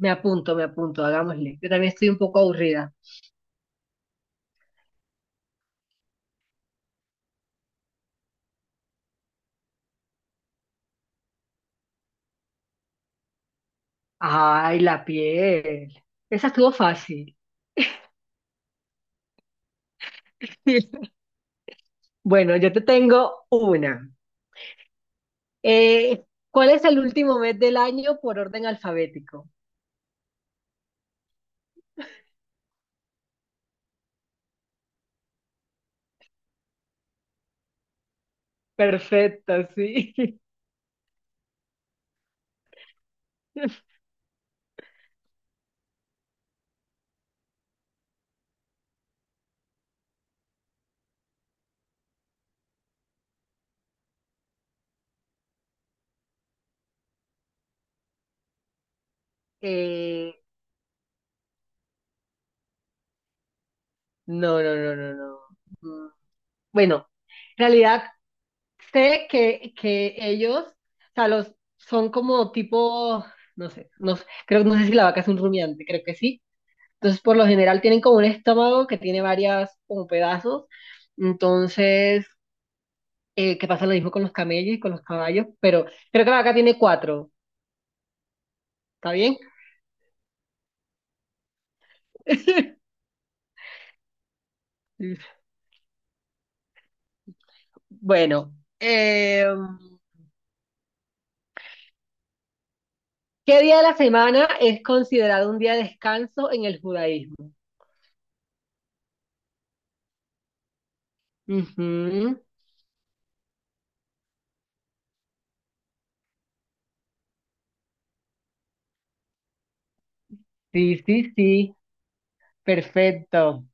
Me apunto, hagámosle. Yo también estoy un poco aburrida. Ay, la piel. Esa estuvo fácil. Bueno, yo te tengo una. Eh, ¿Cuál es el último mes del año por orden alfabético? Perfecto, sí. Eh, no, no, no, no, no. Mm, Bueno, en realidad sé que ellos, o sea, los son como tipo, no sé, creo, no sé si la vaca es un rumiante, creo que sí. Entonces, por lo general tienen como un estómago que tiene varias como pedazos. Entonces, que pasa lo mismo con los camellos y con los caballos, pero creo que la vaca tiene cuatro. ¿Está bien? Bueno, eh, ¿qué día de la semana es considerado un día de descanso en el judaísmo? Ujú. Sí, sí, sí, perfecto.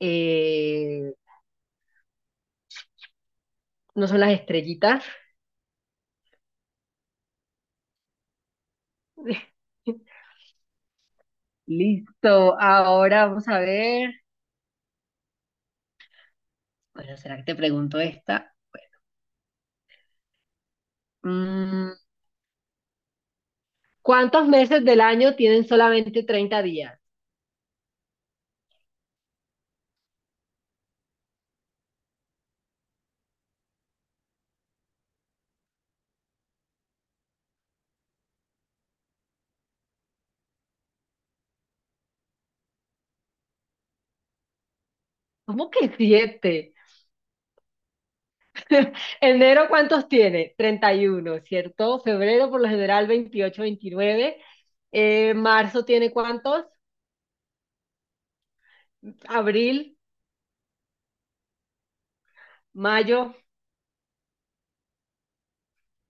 Eh, ¿No son las estrellitas? Listo, ahora vamos a ver. Bueno, ¿será que te pregunto esta? Mm, ¿Cuántos meses del año tienen solamente treinta días? ¿Cómo que siete? Enero, ¿cuántos tiene? 31, ¿cierto? Febrero, por lo general, veintiocho, veintinueve. ¿Marzo tiene cuántos? Abril, mayo,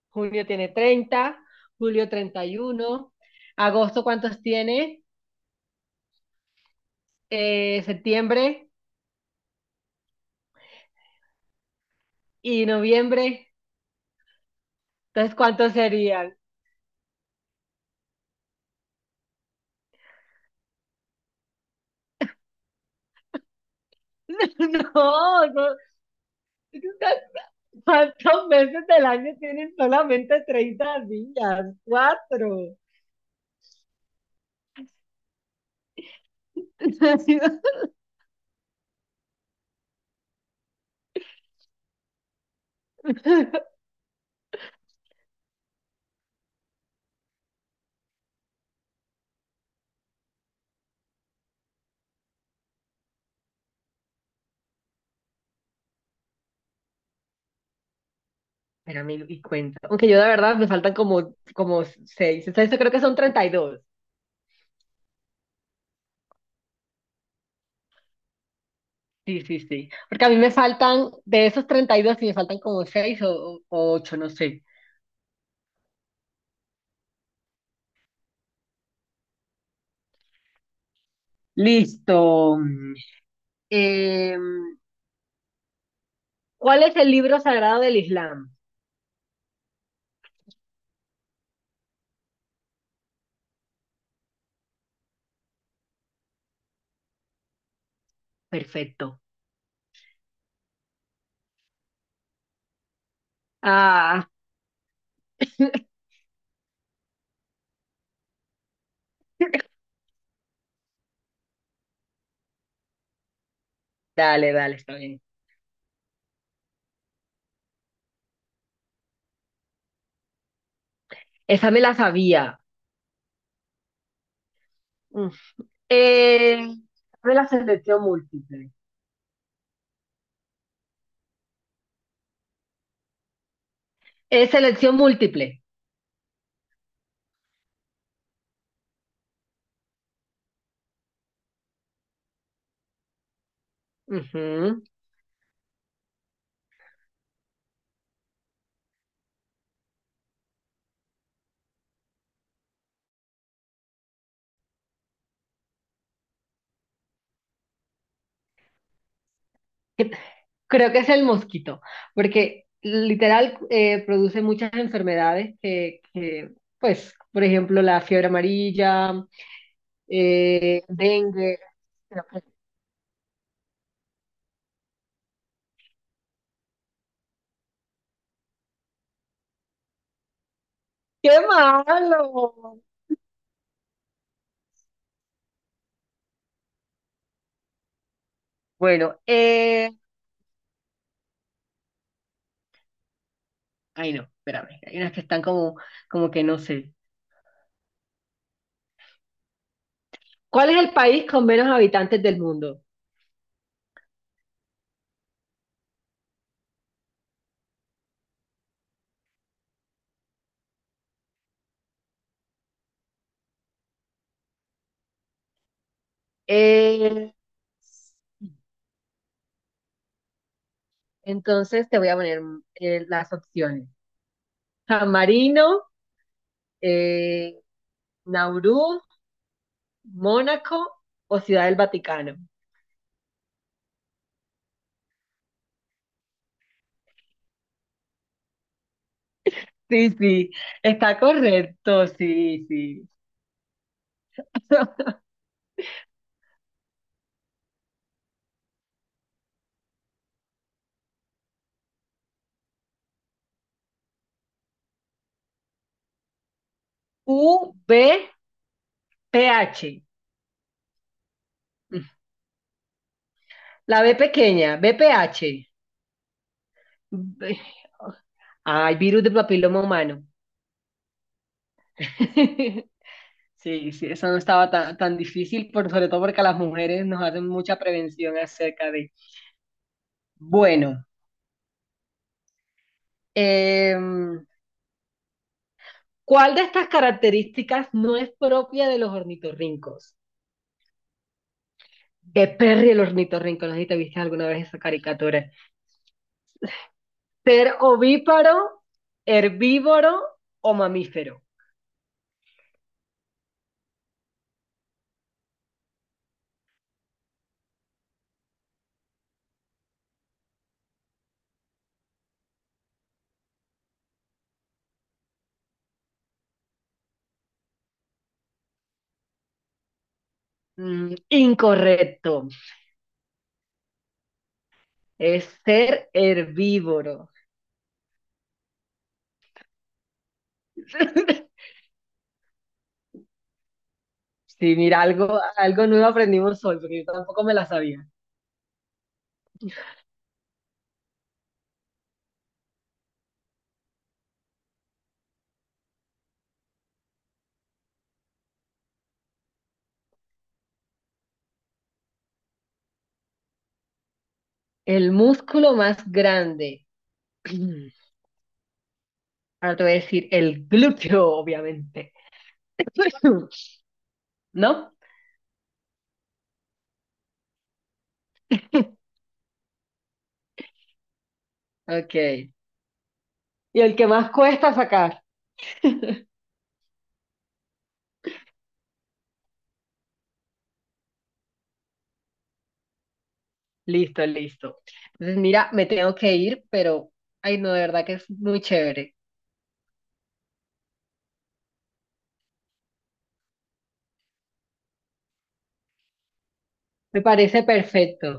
junio tiene 30, julio 31, agosto, ¿cuántos tiene? Septiembre y noviembre. Entonces, ¿cuántos serían? No, no, ¿cuántos meses del año tienen solamente 30 días? Cuatro. Pero me y cuenta. Aunque yo de verdad me faltan como seis. Entonces yo creo que son 32. Sí, sí, sí. Porque a mí me faltan, de esos 32 sí me faltan como seis o ocho, no sé. Listo. Eh, ¿Cuál es el libro sagrado del Islam? Perfecto. Ah, dale, dale, está bien. Esa me la sabía. Mm. Eh, De la selección múltiple. Es selección múltiple. Ujú. Creo que es el mosquito, porque literal produce muchas enfermedades pues, por ejemplo, la fiebre amarilla, dengue. ¡Qué malo! Bueno, ay no, espérame, hay unas que están como, como que no sé. ¿Cuál es el país con menos habitantes del mundo? Eh, Entonces te voy a poner las opciones. San Marino, eh, Nauru, Mónaco o Ciudad del Vaticano. Sí, sí, está correcto, sí, sí. U B P H, la B pequeña, B BPH. B- Ay, virus de papiloma humano. Sí, sí, eso no estaba tan, tan difícil, sobre todo porque a las mujeres nos hacen mucha prevención acerca de... Bueno, em, ¿cuál de estas características no es propia de los ornitorrincos? De Perry el ornitorrinco, no sé si te viste alguna vez esa caricatura. Ser ovíparo, herbívoro o mamífero. Incorrecto. Es ser herbívoro. Sí, mira, algo nuevo aprendimos hoy, porque yo tampoco me la sabía. El músculo más grande. Ahora te voy a decir el glúteo, obviamente. ¿No? Ok. Y el que más cuesta sacar. Listo, listo. Entonces, mira, me tengo que ir, pero, ay, no, de verdad que es muy chévere. Me parece perfecto.